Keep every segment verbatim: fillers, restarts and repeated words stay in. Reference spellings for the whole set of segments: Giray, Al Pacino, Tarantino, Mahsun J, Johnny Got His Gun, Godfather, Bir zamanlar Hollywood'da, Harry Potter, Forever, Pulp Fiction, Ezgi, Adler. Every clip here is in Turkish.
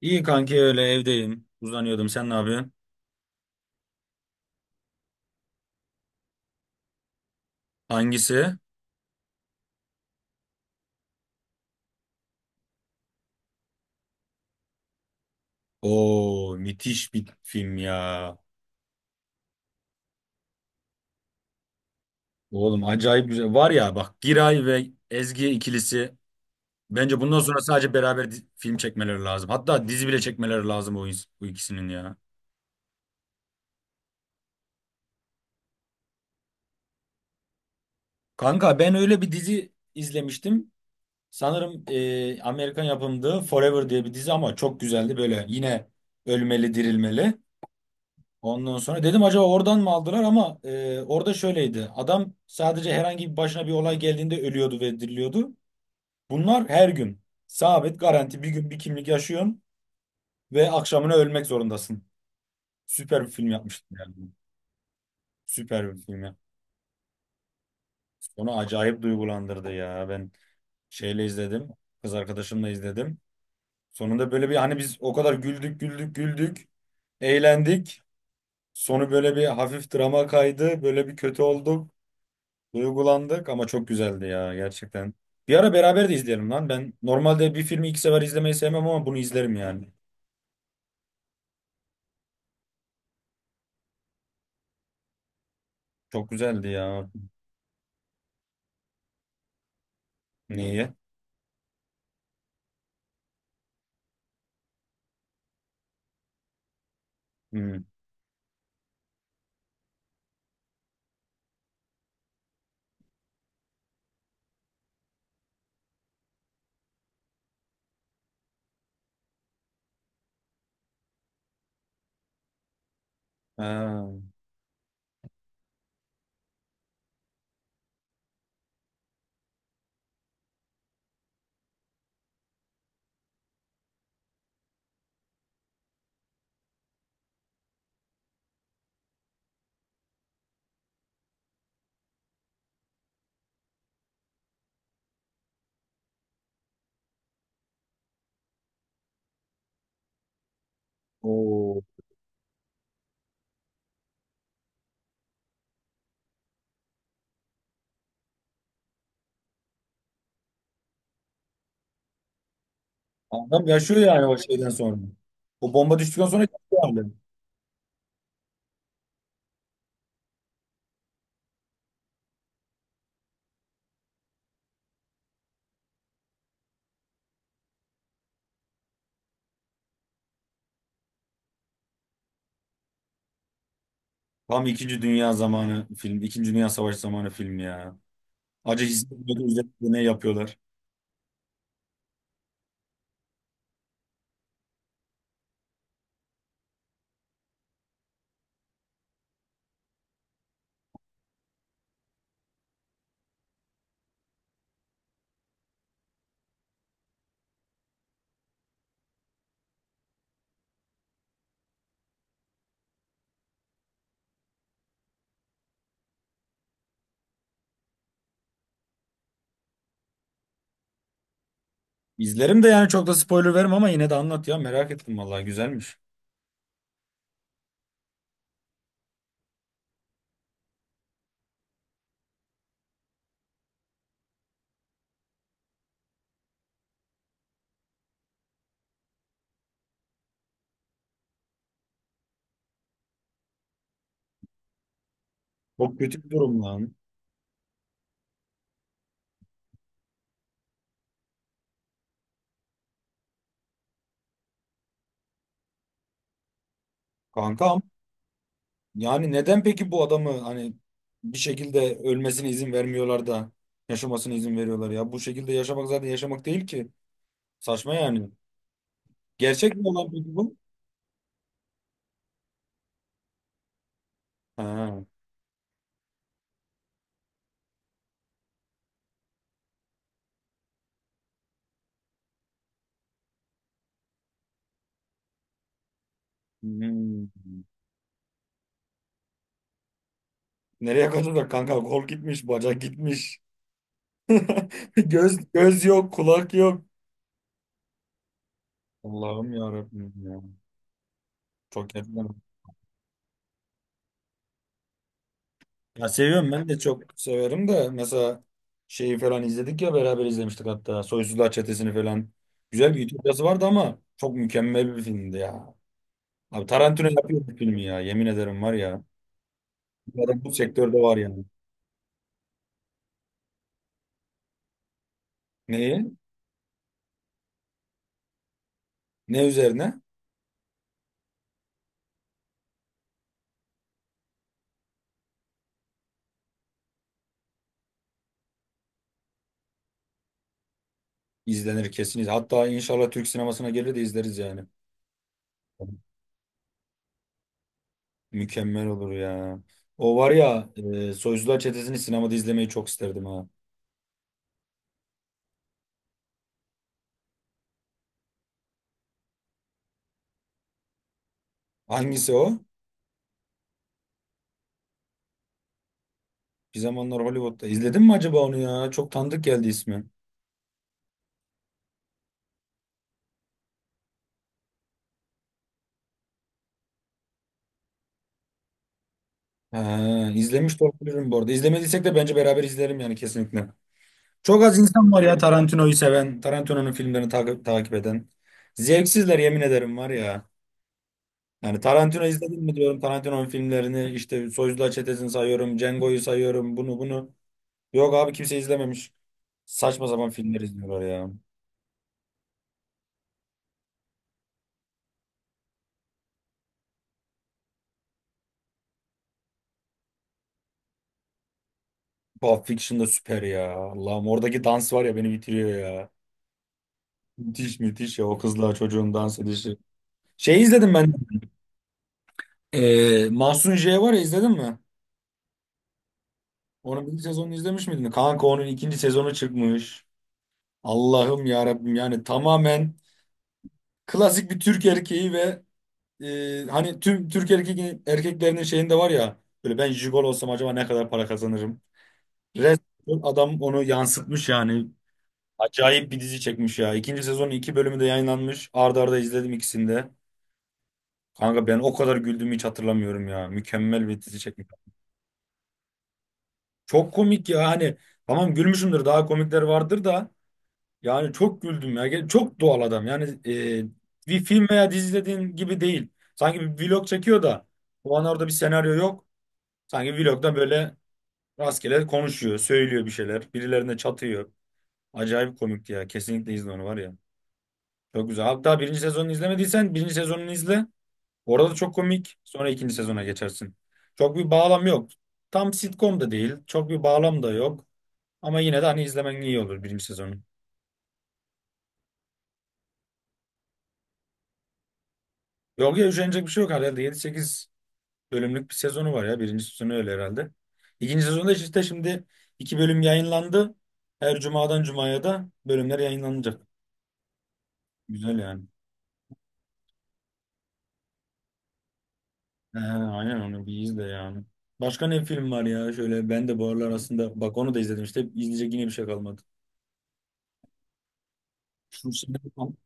İyi kanki öyle evdeyim. Uzanıyordum. Sen ne yapıyorsun? Hangisi? Oo, müthiş bir film ya. Oğlum acayip güzel. Var ya bak, Giray ve Ezgi ikilisi. Bence bundan sonra sadece beraber di- film çekmeleri lazım. Hatta dizi bile çekmeleri lazım bu, ins- bu ikisinin ya. Kanka, ben öyle bir dizi izlemiştim. Sanırım e, Amerikan yapımdı, Forever diye bir dizi ama çok güzeldi böyle. Yine ölmeli, dirilmeli. Ondan sonra dedim acaba oradan mı aldılar ama e, orada şöyleydi. Adam sadece herhangi bir başına bir olay geldiğinde ölüyordu ve diriliyordu. Bunlar her gün. Sabit garanti bir gün bir kimlik yaşıyorsun ve akşamına ölmek zorundasın. Süper bir film yapmıştım yani. Süper bir film ya. Onu acayip duygulandırdı ya. Ben şeyle izledim. Kız arkadaşımla izledim. Sonunda böyle bir hani biz o kadar güldük güldük güldük. Eğlendik. Sonu böyle bir hafif drama kaydı. Böyle bir kötü olduk. Duygulandık ama çok güzeldi ya gerçekten. Bir ara beraber de izleyelim lan. Ben normalde bir filmi iki sefer izlemeyi sevmem ama bunu izlerim yani. Çok güzeldi ya. Niye? Hmm. Ha. Oo. Adam yaşıyor yani o şeyden sonra. O bomba düştükten sonra yaşıyor hala. Tam İkinci Dünya zamanı film. İkinci Dünya Savaşı zamanı film ya. Acı hissetmiyordu, izledim de ne yapıyorlar. İzlerim de yani çok da spoiler vermem ama yine de anlat ya. Merak ettim vallahi, güzelmiş. Çok kötü bir durum lan. Kankam. Yani neden peki bu adamı hani bir şekilde ölmesine izin vermiyorlar da yaşamasına izin veriyorlar ya? Bu şekilde yaşamak zaten yaşamak değil ki. Saçma yani. Gerçek mi olan peki bu? Ha. Hmm. Nereye kadar da kanka, kol gitmiş, bacak gitmiş. Göz göz yok, kulak yok. Allah'ım ya Rabbim ya. Çok gerçekten. Ya seviyorum, ben de çok severim de mesela şeyi falan izledik ya, beraber izlemiştik hatta Soysuzlar Çetesi'ni falan. Güzel bir ütopyası vardı ama çok mükemmel bir filmdi ya. Abi Tarantino yapıyor bu filmi ya, yemin ederim var ya. Bu adam bu sektörde var yani. Neyi? Ne üzerine? İzlenir, kesin izlenir. Hatta inşallah Türk sinemasına gelir de izleriz yani. Mükemmel olur ya. O var ya e, Soysuzlar Çetesi'ni sinemada izlemeyi çok isterdim ha. Hangisi o? Bir Zamanlar Hollywood'da. İzledin mi acaba onu ya? Çok tanıdık geldi ismi. Ha, izlemiş de olabilirim bu arada. İzlemediysek de bence beraber izlerim yani kesinlikle. Çok az insan var ya Tarantino'yu seven, Tarantino'nun filmlerini takip, takip eden. Zevksizler, yemin ederim var ya. Yani Tarantino izledim mi diyorum, Tarantino'nun filmlerini işte Soyuzlar Çetesi'ni sayıyorum, Django'yu sayıyorum, bunu bunu. Yok abi, kimse izlememiş. Saçma sapan filmler izliyorlar ya. Pulp Fiction da süper ya. Allah'ım, oradaki dans var ya beni bitiriyor ya. Müthiş müthiş ya o kızla çocuğun dans edişi. Şey izledim ben. Ee, Mahsun J var ya, izledin mi? Onun bir sezonunu izlemiş miydin? Kanka onun ikinci sezonu çıkmış. Allah'ım ya Rabbim, yani tamamen klasik bir Türk erkeği ve e, hani tüm Türk erkek, erkeklerinin şeyinde var ya böyle, ben jigolo olsam acaba ne kadar para kazanırım? Resmen adam onu yansıtmış yani. Acayip bir dizi çekmiş ya. İkinci sezonun iki bölümü de yayınlanmış. Arda arda izledim ikisini de. Kanka, ben o kadar güldüğümü hiç hatırlamıyorum ya. Mükemmel bir dizi çekmiş. Çok komik ya, hani tamam gülmüşümdür, daha komikler vardır da yani çok güldüm ya. Ge- Çok doğal adam. Yani e, bir film veya dizi izlediğin gibi değil. Sanki bir vlog çekiyor da o an orada bir senaryo yok. Sanki vlogda böyle rastgele konuşuyor, söylüyor bir şeyler. Birilerine çatıyor. Acayip komikti ya. Kesinlikle izle onu var ya. Çok güzel. Hatta birinci sezonunu izlemediysen birinci sezonunu izle. Orada da çok komik. Sonra ikinci sezona geçersin. Çok bir bağlam yok. Tam sitcom da değil. Çok bir bağlam da yok. Ama yine de hani izlemen iyi olur birinci sezonu. Yok ya, üşenecek bir şey yok herhalde. Yedi sekiz bölümlük bir sezonu var ya. Birinci sezonu öyle herhalde. İkinci sezonda işte işte şimdi iki bölüm yayınlandı. Her cumadan cumaya da bölümler yayınlanacak. Güzel yani. He, aynen onu bir izle yani. Başka ne film var ya? Şöyle ben de bu aralar aslında, bak onu da izledim işte. İzleyecek yine bir şey kalmadı. Şu senin,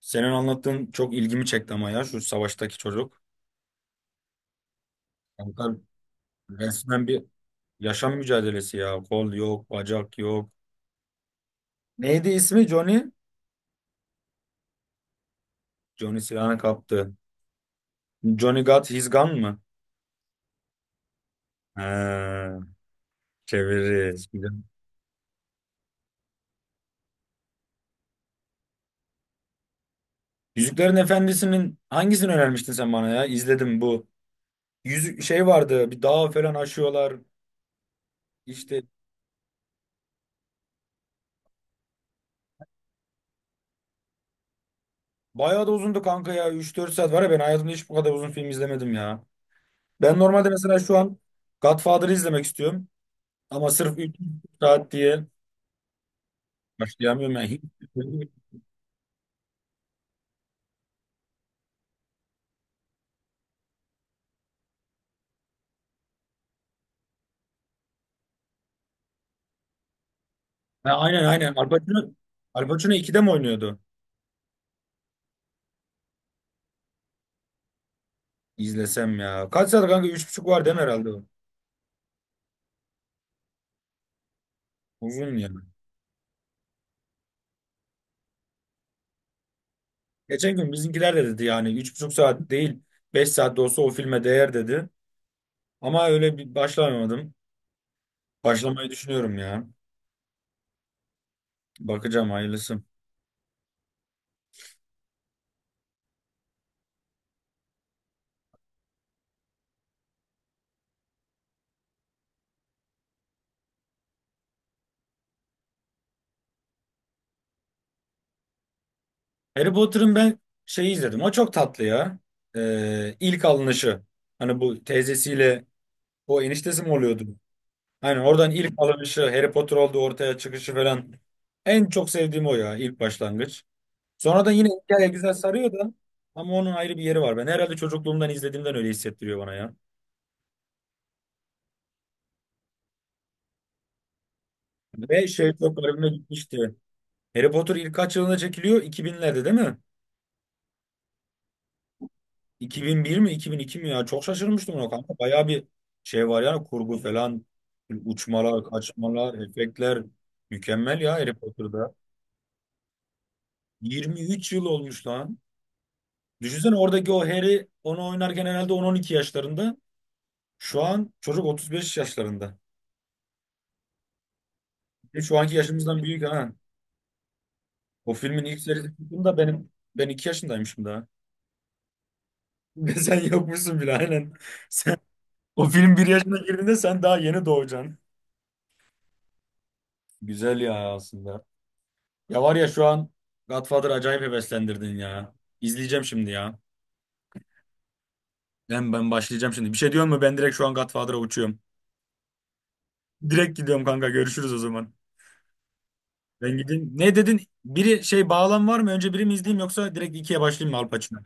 senin anlattığın çok ilgimi çekti ama ya, şu savaştaki çocuk. Kanka resmen bir yaşam mücadelesi ya. Kol yok, bacak yok. Neydi ismi, Johnny? Johnny silahını kaptı. Johnny Got His Gun mı? Ha, çeviririz. Güzel. Yüzüklerin Efendisi'nin hangisini önermiştin sen bana ya? İzledim bu. Yüzük şey vardı. Bir dağ falan aşıyorlar. İşte bayağı da uzundu kanka ya. üç dört saat var ya, ben hayatımda hiç bu kadar uzun film izlemedim ya. Ben normalde mesela şu an Godfather'ı izlemek istiyorum. Ama sırf üç saat diye başlayamıyorum yani. Hiç- Ha, aynen aynen. Al Pacino, Al Pacino ikide mi oynuyordu? İzlesem ya. Kaç saat kanka? Üç buçuk var değil mi herhalde, o? Uzun ya. Geçen gün bizimkiler de dedi yani üç buçuk saat değil, beş saat de olsa o filme değer dedi. Ama öyle bir başlamadım. Başlamayı düşünüyorum ya. Bakacağım hayırlısı. Harry Potter'ın ben şeyi izledim. O çok tatlı ya. Ee, ilk alınışı. Hani bu teyzesiyle o eniştesi mi oluyordu? Hani oradan ilk alınışı Harry Potter oldu, ortaya çıkışı falan. En çok sevdiğim o ya, ilk başlangıç. Sonradan yine hikaye güzel sarıyor da ama onun ayrı bir yeri var. Ben herhalde çocukluğumdan izlediğimden öyle hissettiriyor bana ya. Ve şey çok garibime gitmişti. Harry Potter ilk kaç yılında çekiliyor? iki binlerde değil mi? iki bin bir mi iki bin iki mi ya? Çok şaşırmıştım ona kanka. Bayağı bir şey var yani, kurgu falan. Uçmalar, kaçmalar, efektler. Mükemmel ya Harry Potter'da. yirmi üç yıl olmuş lan. Düşünsene, oradaki o Harry onu oynarken herhalde on on iki yaşlarında. Şu an çocuk otuz beş yaşlarında. E, Şu anki yaşımızdan büyük ha. O filmin ilk serisi çıktığında benim ben iki yaşındaymışım daha. Sen yokmuşsun bile aynen. O film bir yaşına girdiğinde sen daha yeni doğacaksın. Güzel ya aslında. Ya var ya şu an Godfather acayip heveslendirdin ya. İzleyeceğim şimdi ya. Ben ben başlayacağım şimdi. Bir şey diyor mu? Ben direkt şu an Godfather'a uçuyorum. Direkt gidiyorum kanka. Görüşürüz o zaman. Ben gideyim. Ne dedin? Biri şey bağlam var mı? Önce biri mi izleyeyim, yoksa direkt ikiye başlayayım mı, Al Pacino?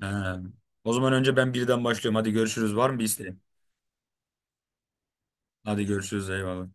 He. O zaman önce ben birden başlıyorum. Hadi görüşürüz. Var mı bir isteğin? Hadi görüşürüz. Eyvallah.